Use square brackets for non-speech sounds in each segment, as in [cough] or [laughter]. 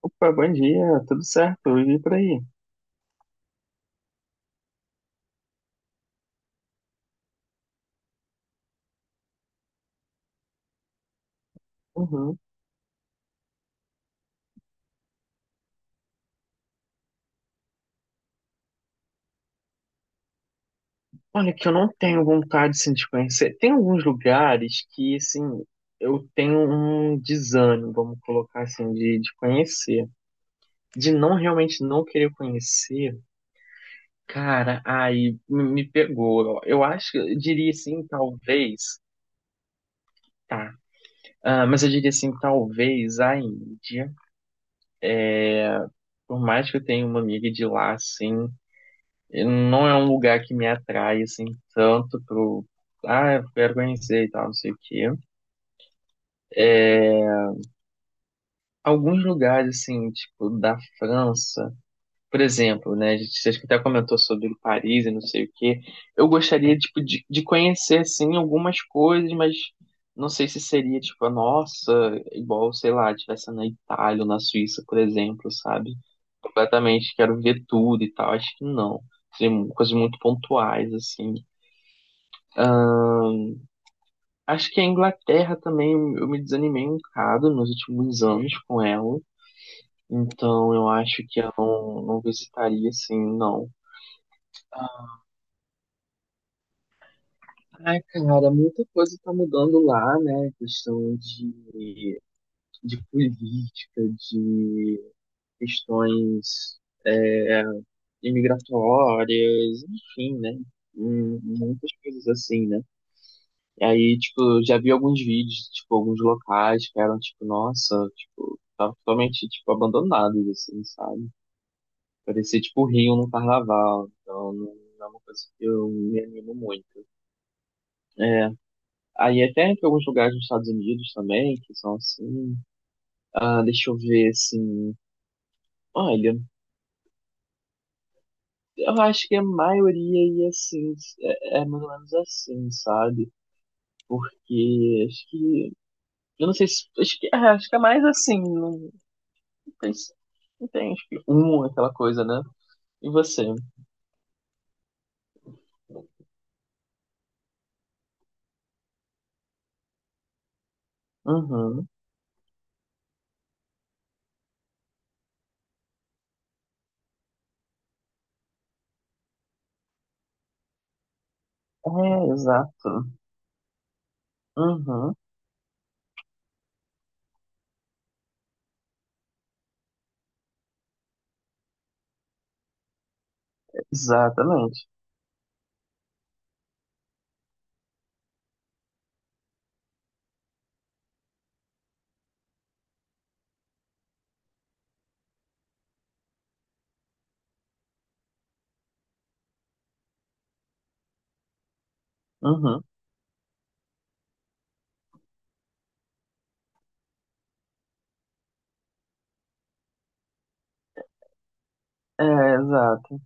Opa, bom dia, tudo certo? E por aí? Uhum. Olha, que eu não tenho vontade assim, de conhecer. Tem alguns lugares que, assim, eu tenho um desânimo, vamos colocar assim, de conhecer. De não realmente não querer conhecer, cara, aí me pegou. Ó. Eu acho que eu diria assim, talvez, tá. Ah, mas eu diria assim, talvez a Índia. Por mais que eu tenha uma amiga de lá, assim, não é um lugar que me atrai assim tanto pro ah, eu quero conhecer e tal, não sei o quê. Alguns lugares assim, tipo da França, por exemplo, né, a gente acho que até comentou sobre Paris e não sei o quê. Eu gostaria tipo de conhecer assim algumas coisas, mas não sei se seria tipo a nossa, igual, sei lá, tivesse na Itália ou na Suíça, por exemplo, sabe? Completamente quero ver tudo e tal, acho que não. Seriam coisas muito pontuais assim. Acho que a Inglaterra também eu me desanimei um bocado nos últimos anos com ela. Então eu acho que eu não visitaria assim, não. Ai, cara, muita coisa tá mudando lá, né? Questão de política, de questões é, imigratórias, enfim, né? Muitas coisas assim, né? E aí, tipo, eu já vi alguns vídeos, tipo, alguns locais que eram, tipo, nossa, tipo, tava totalmente, tipo, abandonados, assim, sabe? Parecia, tipo, Rio no carnaval. Então, não é uma coisa que eu me animo muito. É. Aí até tem alguns lugares nos Estados Unidos também, que são assim. Ah, deixa eu ver, assim. Olha, eu acho que a maioria ia assim, é mais ou menos assim, sabe? Porque acho que. Eu não sei se. Acho que, acho que é mais assim. Não, mas entende que um, aquela coisa, né? E você? Uhum. É, exato. Uhum. Exatamente. Uhum. É, exato.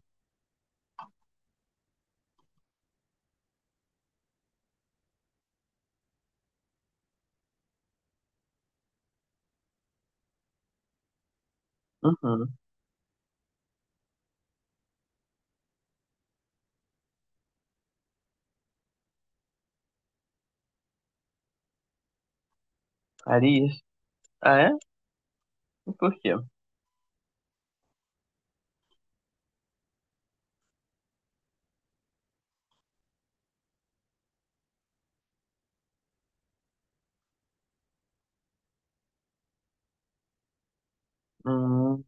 Uhum. Arias? Ah, é? E por quê? Hum.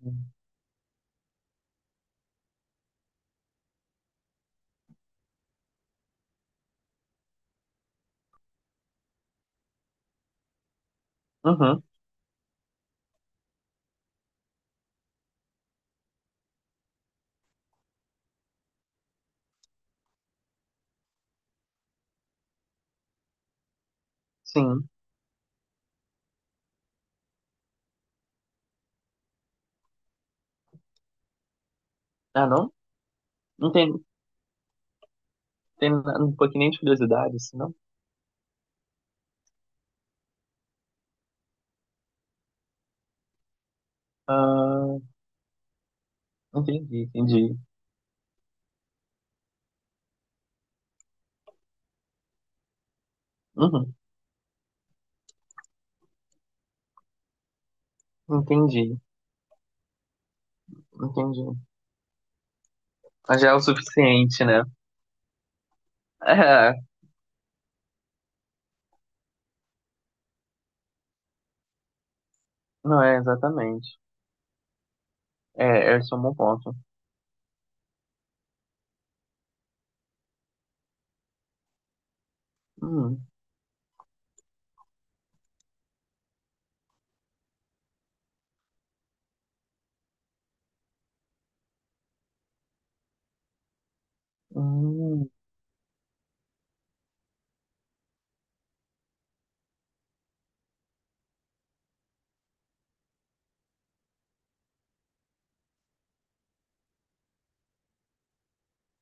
Uhum. Sim. Ah, não? Não tem, tem na- um pouquinho nem de curiosidade, assim, não? Ah, entendi, entendi. Uhum. Entendi, entendi. Mas já é o suficiente, né? [laughs] É, não é exatamente. É, esse é um bom ponto. Hum. Hum.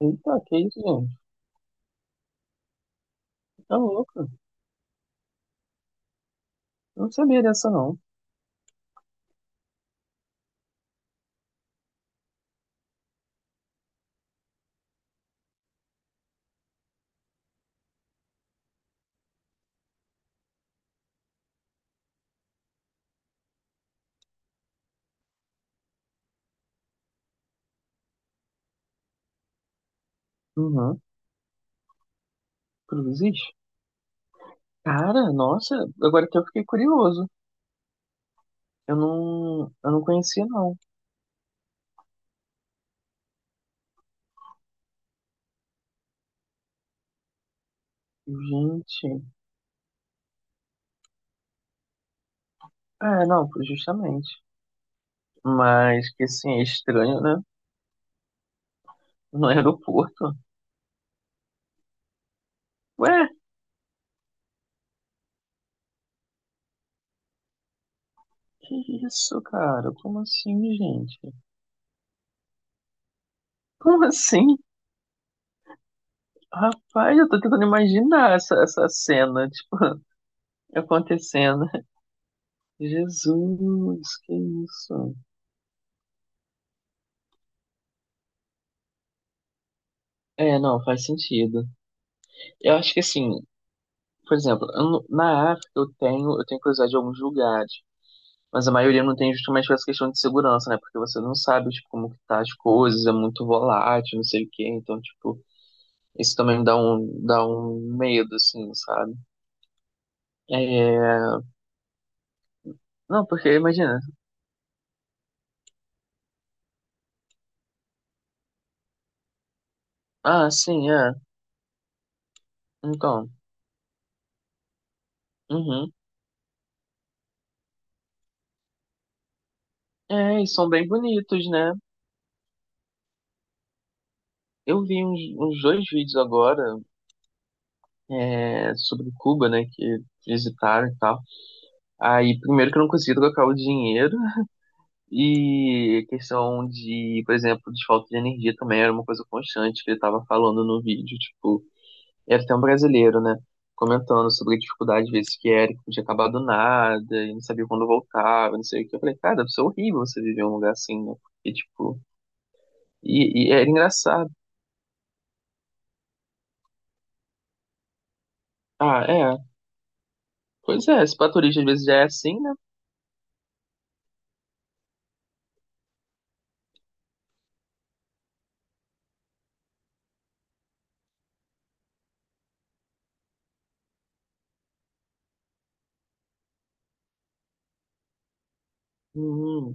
Eita, que isso, gente? Tá louco. Eu não sabia dessa, não. Uhum. Cruzes? Cara, nossa, agora que eu fiquei curioso. Eu não conhecia, não. Gente. Ah, não, justamente. Mas que assim, é estranho, né? No aeroporto. Ué, que isso, cara? Como assim, gente? Como assim? Rapaz, eu tô tentando imaginar essa cena, tipo, [laughs] acontecendo. Jesus, que isso. É, não, faz sentido. Eu acho que assim, por exemplo, eu não- na África eu tenho curiosidade de alguns lugares, mas a maioria não tem justamente por essa questão de segurança, né? Porque você não sabe, tipo, como que tá as coisas, é muito volátil, não sei o quê, então, tipo, isso também dá um medo, assim, sabe? É... Não, porque imagina, ah, sim, é, então, uhum. É, e são bem bonitos, né? Eu vi uns, uns dois vídeos agora, sobre Cuba, né, que visitaram e tal. Aí, primeiro que eu não consegui trocar o dinheiro, e questão de, por exemplo, de falta de energia também era uma coisa constante que ele estava falando no vídeo. Tipo, era até um brasileiro, né? Comentando sobre a dificuldade, às vezes, que era, que podia acabar do nada, e não sabia quando voltava, não sei o que. Eu falei, cara, isso é horrível você viver em um lugar assim, né? E, tipo, e era engraçado. Ah, é. Pois é, esse paturista às vezes já é assim, né? Uhum,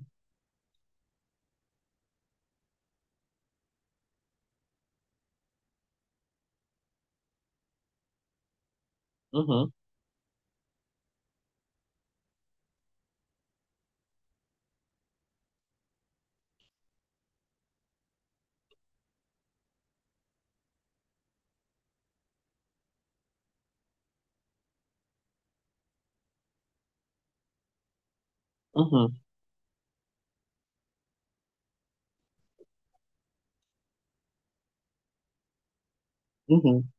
uhum, uhum, uhum.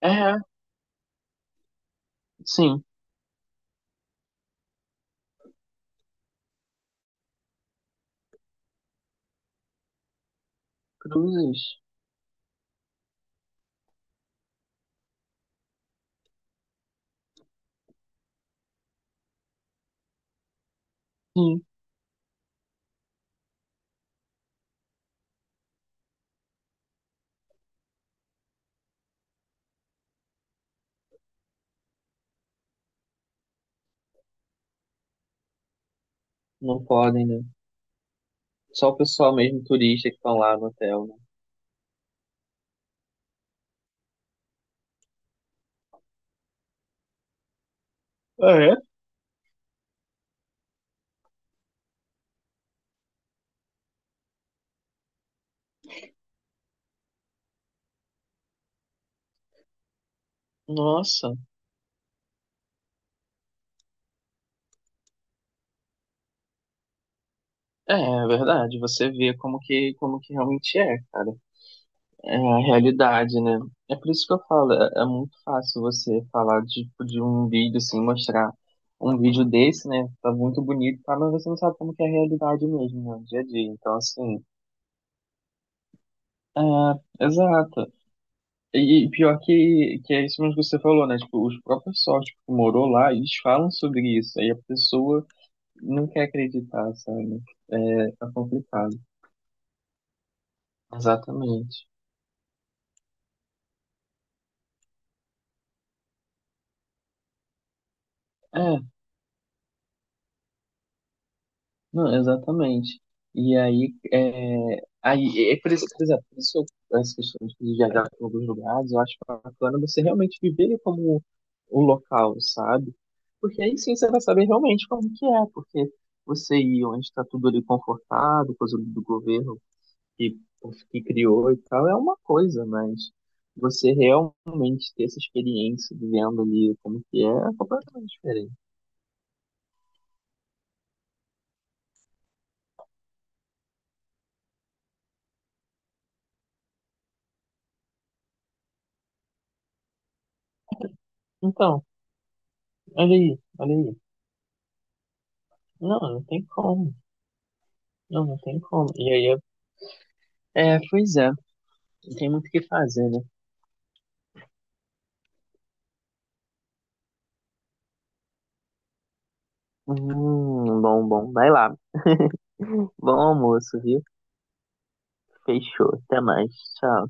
É, sim, cruzes. Sim, não podem, né? Só o pessoal mesmo turista que estão lá no hotel, né? Ah, é? Nossa, é, é verdade. Você vê como que realmente é, cara. É a realidade, né? É por isso que eu falo, é, é muito fácil você falar de um vídeo assim, mostrar um vídeo desse, né? Tá muito bonito, tá? Mas você não sabe como que é a realidade mesmo, né? Dia a dia. Então, assim, é, exato. E pior que é isso mesmo que você falou, né? Tipo, os próprios sócios que morou lá, eles falam sobre isso. Aí a pessoa não quer acreditar, sabe? É, tá complicado. Exatamente. É, não, exatamente. E aí é, por isso, por exemplo, por isso eu- essa questão de viajar para alguns lugares, eu acho bacana você realmente viver como o local, sabe? Porque aí sim você vai saber realmente como que é, porque você ir onde está tudo ali confortado, coisa do governo que, que criou e tal é uma coisa, mas você realmente ter essa experiência vivendo ali como que é, é completamente diferente. Então, olha aí, olha aí. Não, não tem como. Não, não tem como. E aí, é, é, pois é, não tem muito o que fazer, né? Bom, bom. Vai lá. Bom almoço, viu? Fechou. Até mais. Tchau.